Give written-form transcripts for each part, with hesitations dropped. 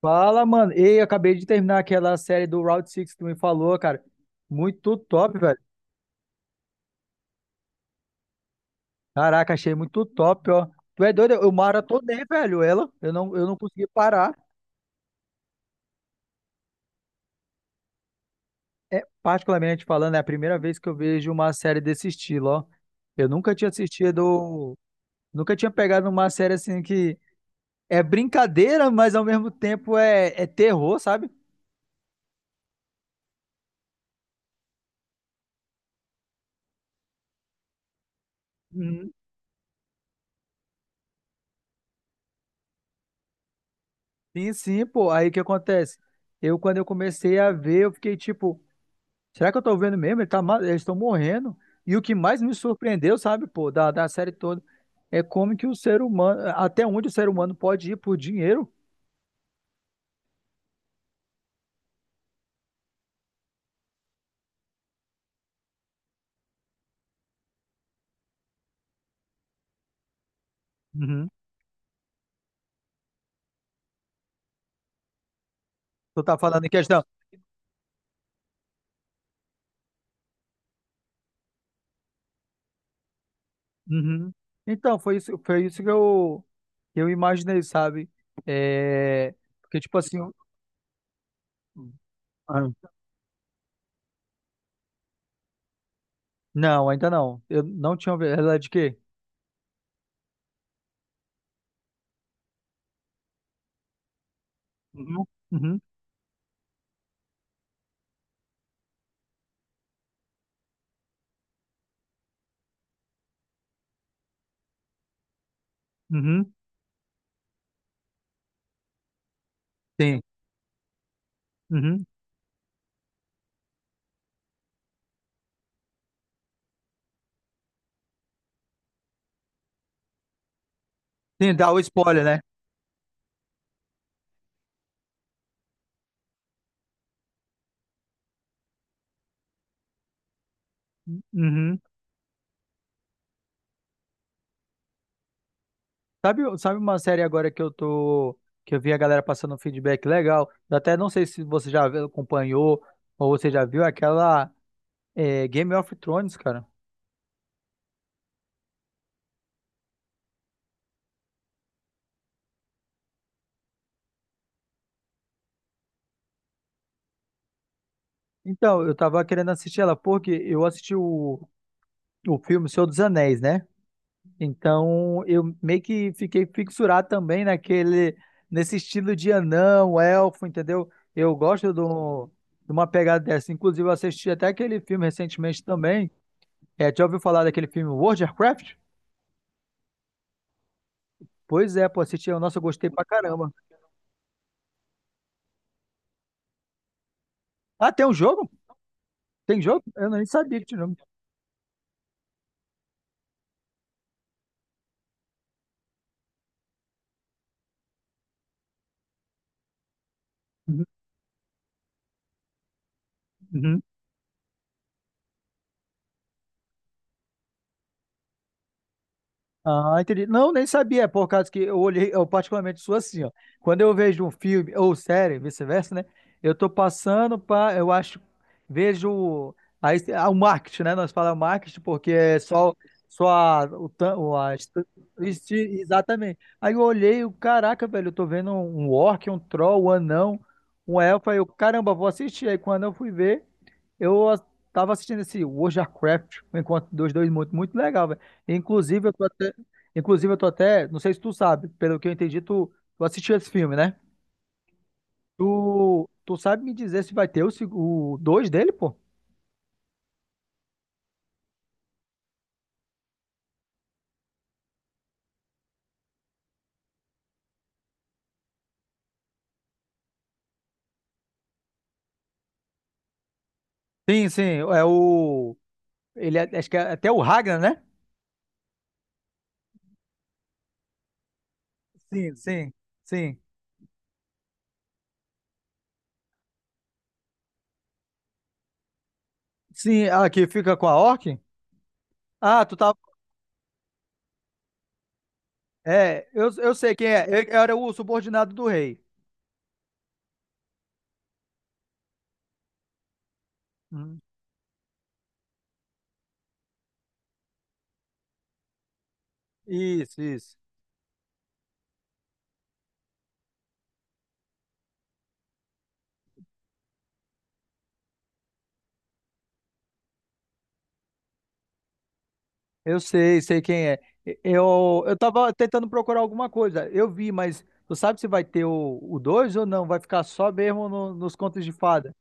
Fala, mano. Ei, eu acabei de terminar aquela série do Route 6 que tu me falou, cara. Muito top, velho. Caraca, achei muito top, ó. Tu é doido? Eu maratonei, velho, ela. Eu não consegui parar. É, particularmente falando, é a primeira vez que eu vejo uma série desse estilo, ó. Eu nunca tinha assistido, nunca tinha pegado uma série assim que é brincadeira, mas ao mesmo tempo é terror, sabe? Uhum. Sim, sim, pô. Aí o que acontece? Eu, quando eu comecei a ver, eu fiquei tipo. Será que eu tô vendo mesmo? Eles estão morrendo. E o que mais me surpreendeu, sabe, pô, da série toda, é como que o ser humano, até onde o ser humano pode ir por dinheiro. Uhum. Tu tá falando em questão. Uhum. Então, foi isso que eu imaginei, sabe? É, porque, tipo assim. Ah. Não, ainda não. Eu não tinha ouvido. Ela é de quê? Uhum. Uhum. Uhum. Sim. Uhum. Sim, dá o spoiler, né? Uhum. Sabe, sabe uma série agora que eu tô, que eu vi a galera passando um feedback legal? Eu até não sei se você acompanhou ou você já viu aquela é, Game of Thrones, cara. Então, eu tava querendo assistir ela porque eu assisti o filme Senhor dos Anéis, né? Então, eu meio que fiquei fixurado também nesse estilo de anão, elfo, entendeu? Eu gosto do, de uma pegada dessa. Inclusive, eu assisti até aquele filme recentemente também. É, já ouviu falar daquele filme World of Warcraft? Pois é, pô, assisti. Nossa, eu gostei pra caramba. Ah, tem um jogo? Tem jogo? Eu nem sabia que tinha jogo. Uhum. Uhum. Ah, entendi. Não, nem sabia, por causa que eu olhei, eu particularmente sou assim, ó. Quando eu vejo um filme ou série, vice-versa, né? Eu tô passando para, eu acho, vejo aí ah, o marketing, né? Nós falamos marketing porque é só só a, o, tan- o- a, est- este- exatamente. Aí eu olhei, eu, caraca, velho, eu tô vendo um orc, um troll, um anão, um elfo, aí eu, caramba, vou assistir. Aí quando eu fui ver, eu a- tava assistindo esse World of Warcraft, um encontro dos dois muito legal, velho. Inclusive, eu tô até Inclusive, eu tô até, não sei se tu sabe, pelo que eu entendi, tu assistiu esse filme, né? Tu, tu sabe me dizer se vai ter o, seg- o 2 dele, pô? Sim, sim, ele é- acho que é até o Ragnar, né? Sim, sim, sim. Sim, ah, que fica com a Orc? Ah, tu tá, é, eu sei quem é, ele era o subordinado do rei. Uhum. Isso, isso. Eu sei, sei quem é. Eu tava tentando procurar alguma coisa. Eu vi, mas tu sabe se vai ter o 2 ou não? Vai ficar só mesmo nos contos de fada.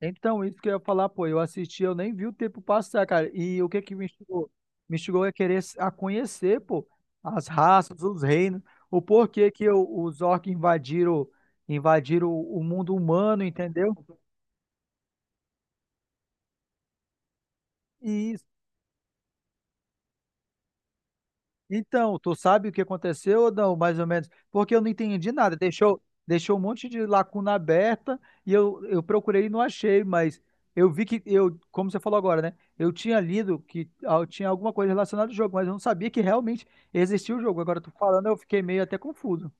Então, isso que eu ia falar, pô, eu assisti, eu nem vi o tempo passar, cara. E o que que me instigou? Me instigou a a conhecer, pô, as raças, os reinos, o porquê que os orcs invadiram, invadiram o mundo humano, entendeu? Então, tu sabe o que aconteceu ou não, mais ou menos? Porque eu não entendi nada. Deixou, deixou um monte de lacuna aberta e eu procurei e não achei, mas eu vi que eu, como você falou agora, né? Eu tinha lido que ah, tinha alguma coisa relacionada ao jogo, mas eu não sabia que realmente existia o jogo. Agora tu falando, eu fiquei meio até confuso.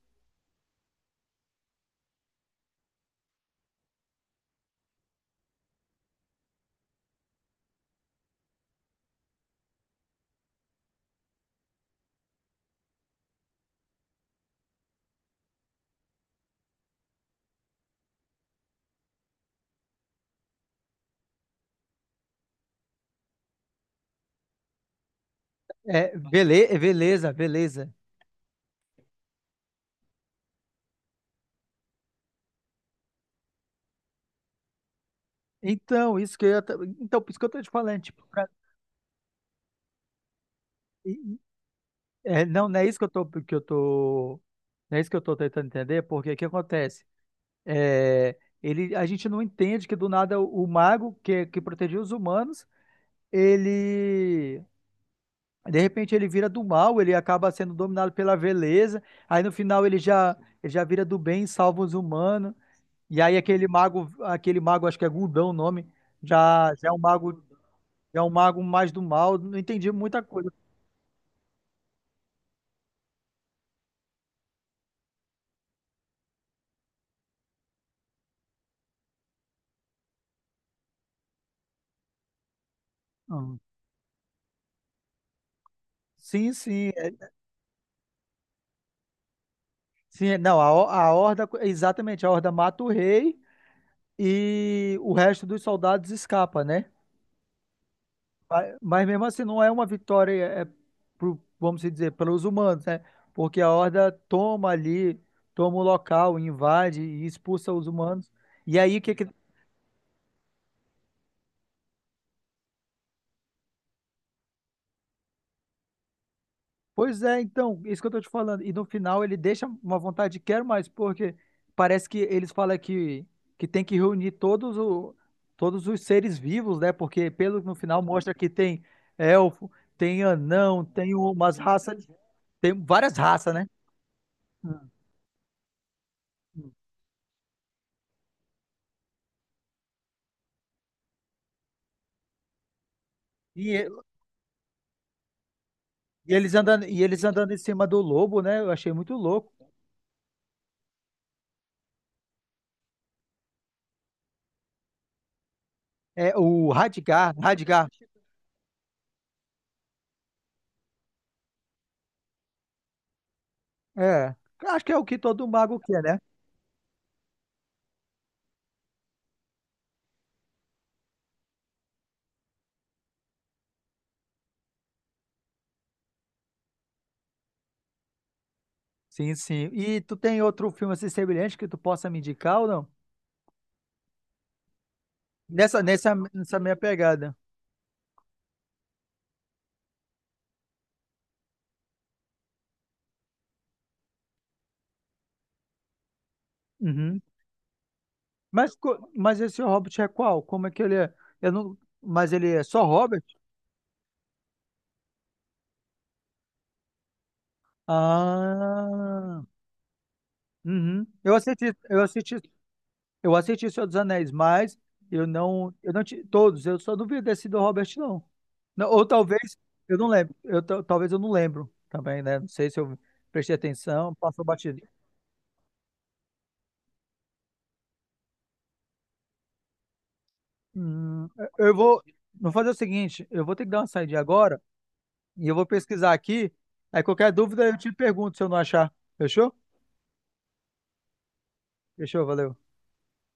É, beleza, beleza. Então, isso que eu, ia ta- então, por isso que eu tô te falando, tipo, e- e- não é isso que eu tô, não é isso que eu tô tentando entender, porque o que acontece? É, ele, a gente não entende que do nada o mago que protegia os humanos, ele de repente ele vira do mal, ele acaba sendo dominado pela vileza. Aí no final ele já vira do bem, salva os humanos. E aí aquele mago acho que é Gundão o nome, já já é um mago, já é um mago mais do mal. Não entendi muita coisa. Hum. Sim, sim, é- não, a, Ho- a horda, exatamente, a horda mata o rei e o resto dos soldados escapa, né? Mas mesmo assim não é uma vitória, vamos dizer, pelos humanos, né? Porque a Horda toma ali, toma o local, invade e expulsa os humanos. E aí o que que... Pois é, então, isso que eu tô te falando. E no final ele deixa uma vontade de quero mais, porque parece que eles falam que tem que reunir todos os seres vivos, né? Porque pelo no final mostra que tem elfo, tem anão, tem umas raças, tem várias raças, né? Hum. E e eles andando em cima do lobo, né? Eu achei muito louco. É o Radgar, Radgar. É. Acho que é o que todo mago quer, né? Sim, sim. E tu tem outro filme assim semelhante que tu possa me indicar ou não? Nessa minha pegada. Uhum. Mas, mas esse Hobbit é qual? Como é que ele é? Eu não, mas ele é só Hobbit? Ah. Uhum. Eu assisti Senhor dos Anéis, mas eu só não vi desse do Robert não. Não, ou talvez eu não lembro, eu ta- talvez eu não lembro também, né? Não sei se eu prestei atenção, passou batido. Hum, eu vou, vou fazer o seguinte, eu vou ter que dar uma saída agora e eu vou pesquisar aqui. Aí qualquer dúvida eu te pergunto se eu não achar. Fechou? Fechou, valeu.